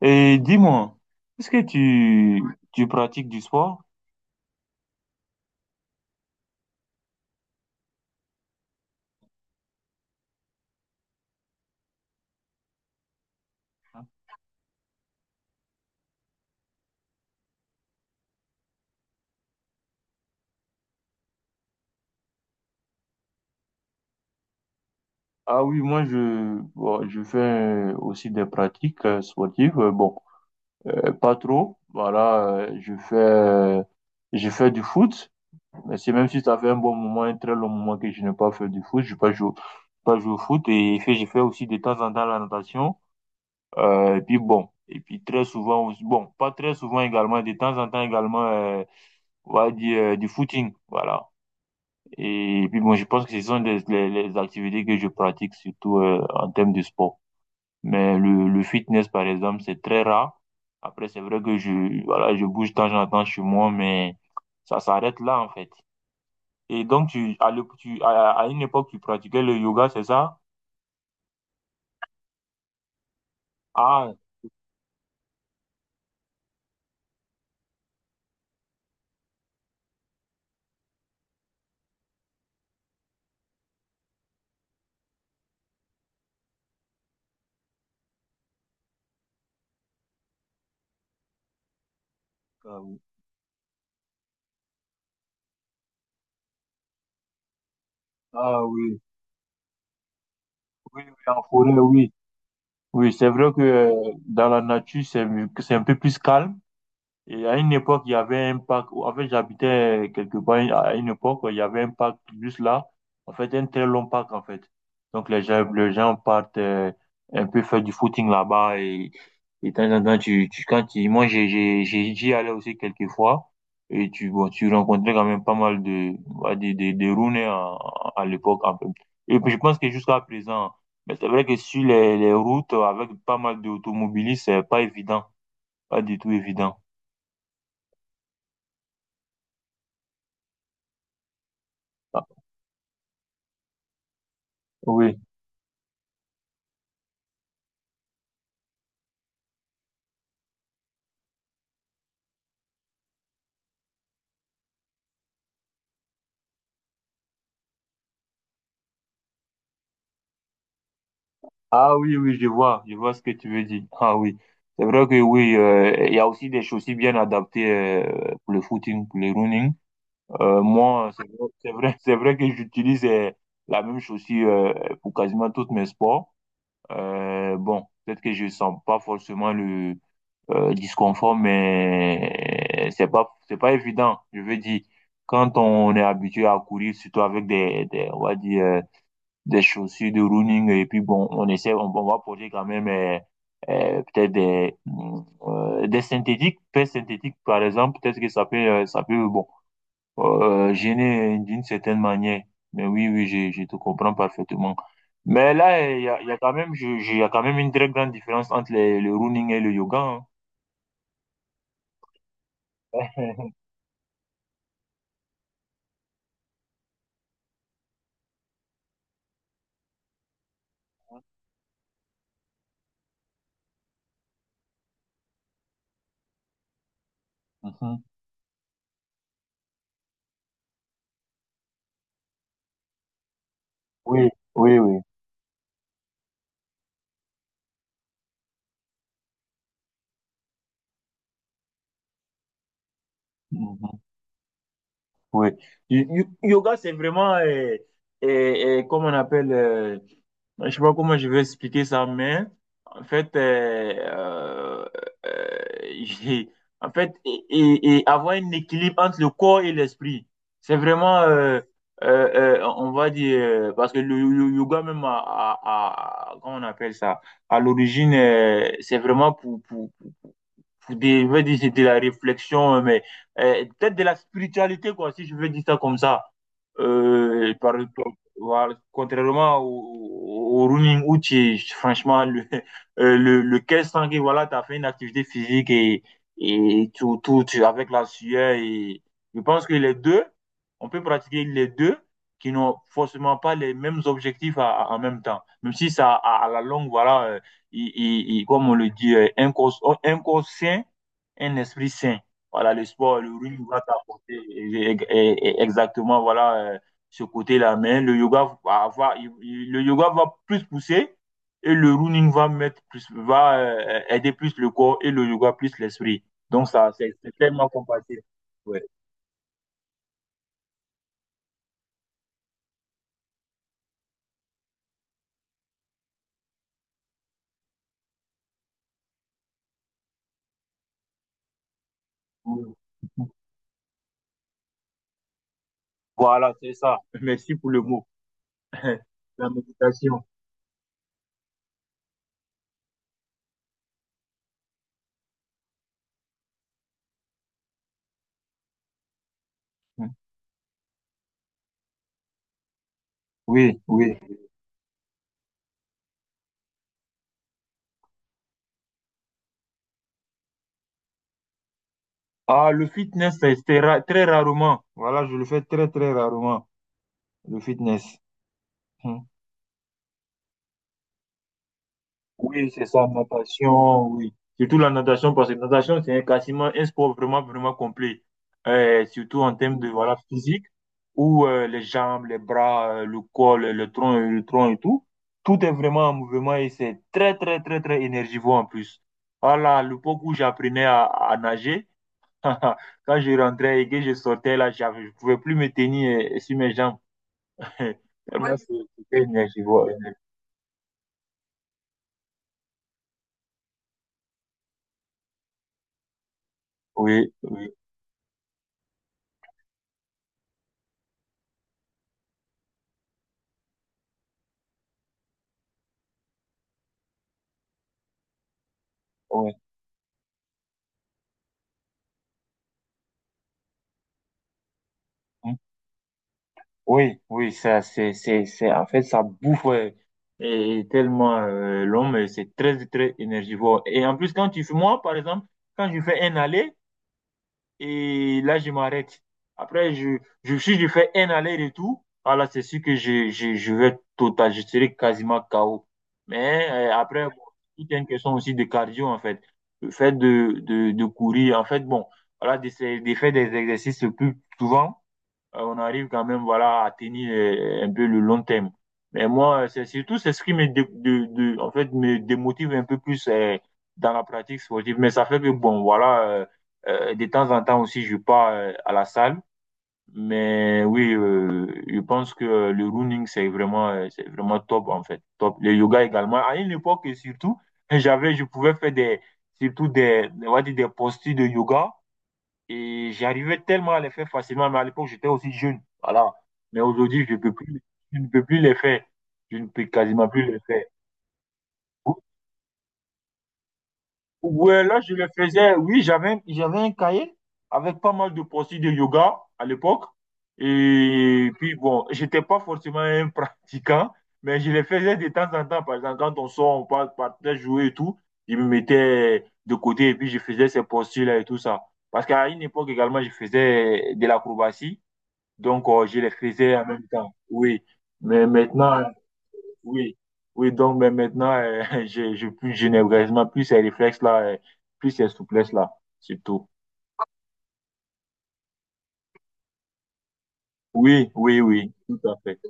Et dis-moi, est-ce que tu pratiques du sport? Ah oui, moi, je je fais aussi des pratiques sportives. Pas trop. Voilà, je fais du foot. Mais c'est, même si ça fait un bon moment, un très long moment que je n'ai pas fait du foot. Je pas joué, Pas joué au foot. Et fait, je fais aussi de temps en temps la natation. Et puis bon, et puis très souvent aussi, bon, Pas très souvent également, de temps en temps également, on va dire du footing. Voilà. Et puis bon, je pense que ce sont les activités que je pratique surtout en termes de sport. Mais le fitness, par exemple, c'est très rare. Après, c'est vrai que je bouge de temps en temps chez moi, mais ça s'arrête là, en fait. Et donc, tu, à, l'ép- tu, à une époque, tu pratiquais le yoga, c'est ça? Ah, ah oui, Ah oui, oui, oui, en forêt, oui. Oui, c'est vrai que dans la nature, c'est un peu plus calme. Et à une époque, il y avait un parc, en fait, j'habitais quelque part, à une époque, il y avait un parc juste là, en fait, un très long parc, en fait. Donc, les gens partent un peu faire du footing là-bas, et de temps en temps, tu, quand tu, moi, j'ai- j'y allais aussi quelques fois et bon, tu rencontrais quand même pas mal de, ouais, des Rouennais à l'époque, en fait. Et puis, je pense que jusqu'à présent, mais c'est vrai que sur les routes, avec pas mal d'automobilistes, c'est pas évident, pas du tout évident. Oui. Ah oui, oui, je vois ce que tu veux dire. Ah oui. C'est vrai que oui, il y a aussi des chaussures bien adaptées pour le footing, pour le running. Moi, c'est vrai, c'est vrai que j'utilise la même chaussure pour quasiment tous mes sports. Peut-être que je sens pas forcément le disconfort, mais c'est pas évident. Je veux dire, quand on est habitué à courir, surtout avec on va dire, des chaussures de running, et puis bon, on essaie, on va porter quand même peut-être des synthétiques, paires synthétiques par exemple, peut-être que ça peut bon, gêner d'une certaine manière. Mais oui, oui, je te comprends parfaitement. Mais là, il y a quand même, il y a quand même une très grande différence entre le running et le yoga, hein. Mhm. Oui, oui, oui. Mm-hmm. Oui. Y- Yoga, c'est vraiment, comme on appelle, je sais pas comment je vais expliquer ça, mais en fait, euh, j'ai- en fait, et avoir un équilibre entre le corps et l'esprit, c'est vraiment, on va dire, parce que le yoga même, comment on appelle ça, à l'origine, c'est vraiment pour des, je veux dire, c'est de la réflexion, mais peut-être de la spiritualité, quoi, si je veux dire ça comme ça. Euh, par, voilà, contrairement au, au running où tu es, franchement, le 1500 que voilà, tu as fait une activité physique, tout, avec la sueur. Et je pense que les deux, on peut pratiquer les deux qui n'ont forcément pas les mêmes objectifs en même temps. Même si ça, à la longue, voilà, comme on le dit, un corps, un corps sain, un esprit sain. Voilà, le sport, le rugby va t'apporter exactement voilà, ce côté-là. Mais le yoga va avoir, le yoga va plus pousser, et le running va mettre plus, va aider plus le corps, et le yoga plus l'esprit. Donc ça, c'est tellement compatible. Ouais. Voilà, c'est ça. Merci pour le mot. La méditation. Oui, oui. Ah, le fitness, c'est très rarement. Voilà, je le fais très, très rarement, le fitness. Hmm. Oui, c'est ça, natation, oui. Surtout la natation, parce que la natation, quasiment un sport vraiment, vraiment complet. Surtout en termes de, voilà, physique, où les jambes, les bras, le tronc, et tout, tout est vraiment en mouvement, et c'est très, très, très, très énergivore en plus. Voilà, l'époque où j'apprenais à nager, quand je rentrais et que je sortais là, je ne pouvais plus me tenir sur mes jambes. Ouais. Tellement. Ouais, c'était énergivore. Oui, oui, oui. Hmm. Oui, oui, ça, c'est, en fait, ça bouffe, ouais. Et tellement c'est très, très énergivore. Et en plus, quand tu fais, moi, par exemple, quand je fais un aller, et là, je m'arrête. Après, si je fais un aller-retour, ah là, c'est sûr que je vais total, je serai quasiment KO. Mais après, bon, tout une question aussi de cardio, en fait. Le fait de courir, en fait, bon, voilà, d'essayer de faire des exercices le plus souvent, on arrive quand même voilà à tenir un peu le long terme. Mais moi, c'est surtout c'est ce qui me, en fait, me démotive un peu plus dans la pratique sportive. Mais ça fait que, bon, voilà, de temps en temps aussi, je pars à la salle. Mais oui, je pense que le running, c'est vraiment top, en fait. Top. Le yoga également. À une époque, surtout, je pouvais faire des, surtout des, on va dire des postures de yoga, et j'arrivais tellement à les faire facilement, mais à l'époque, j'étais aussi jeune. Voilà. Mais aujourd'hui, je ne peux plus, je ne peux plus les faire. Je ne peux quasiment plus les faire. Ou- Ouais, là, je les faisais. Oui, j'avais un cahier avec pas mal de postures de yoga à l'époque. Et puis, bon, j'étais pas forcément un pratiquant, mais je les faisais de temps en temps. Par exemple, quand on sort, partait jouer et tout, je me mettais de côté et puis je faisais ces postures-là et tout ça. Parce qu'à une époque également, je faisais de l'acrobatie. Donc, je les faisais en même temps. Oui. Mais maintenant, oui. Oui, donc, mais maintenant, je n'ai vraiment plus ces réflexes-là, plus ces souplesses-là, surtout. Oui, oui, oui, tout à fait.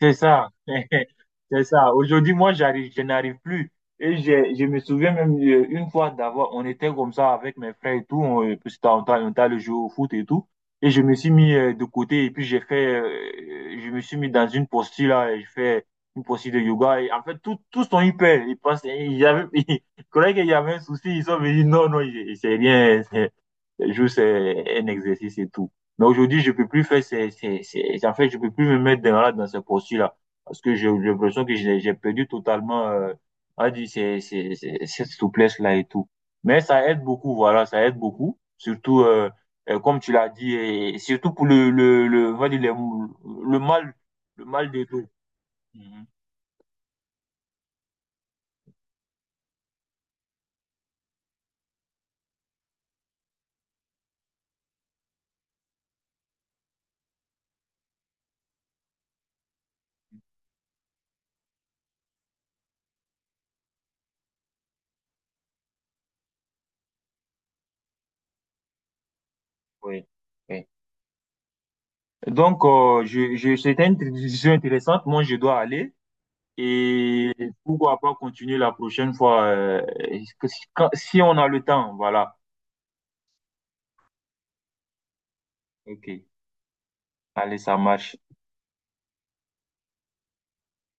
C'est ça, c'est ça. Aujourd'hui, je n'arrive plus. Et je me souviens même une fois d'avoir, on était comme ça avec mes frères et tout, on, parce que on t'a le jeu au foot et tout. Et je me suis mis de côté et puis j'ai fait, je me suis mis dans une posture là, et je fais une posture de yoga. Et en fait, tous sont hyper. Ils pensent, il y avait, ils croyaient qu'il y avait un souci. Ils sont venus, non, non, c'est rien, c'est le jeu, c'est juste un exercice et tout. Mais aujourd'hui, je peux plus faire en fait, je peux plus me mettre dans ce posture-là. Parce que j'ai l'impression que j'ai perdu totalement, on va dire, cette souplesse-là et tout. Mais ça aide beaucoup, voilà, ça aide beaucoup. Surtout, comme tu l'as dit, et surtout pour le, on va dire, le le mal, le mal de tout. Mhm. Oui. Oui. Donc, c'était une discussion intéressante. Moi, je dois aller. Et pourquoi pas continuer la prochaine fois, que si quand- si on a le temps, voilà. Ok, allez, ça marche.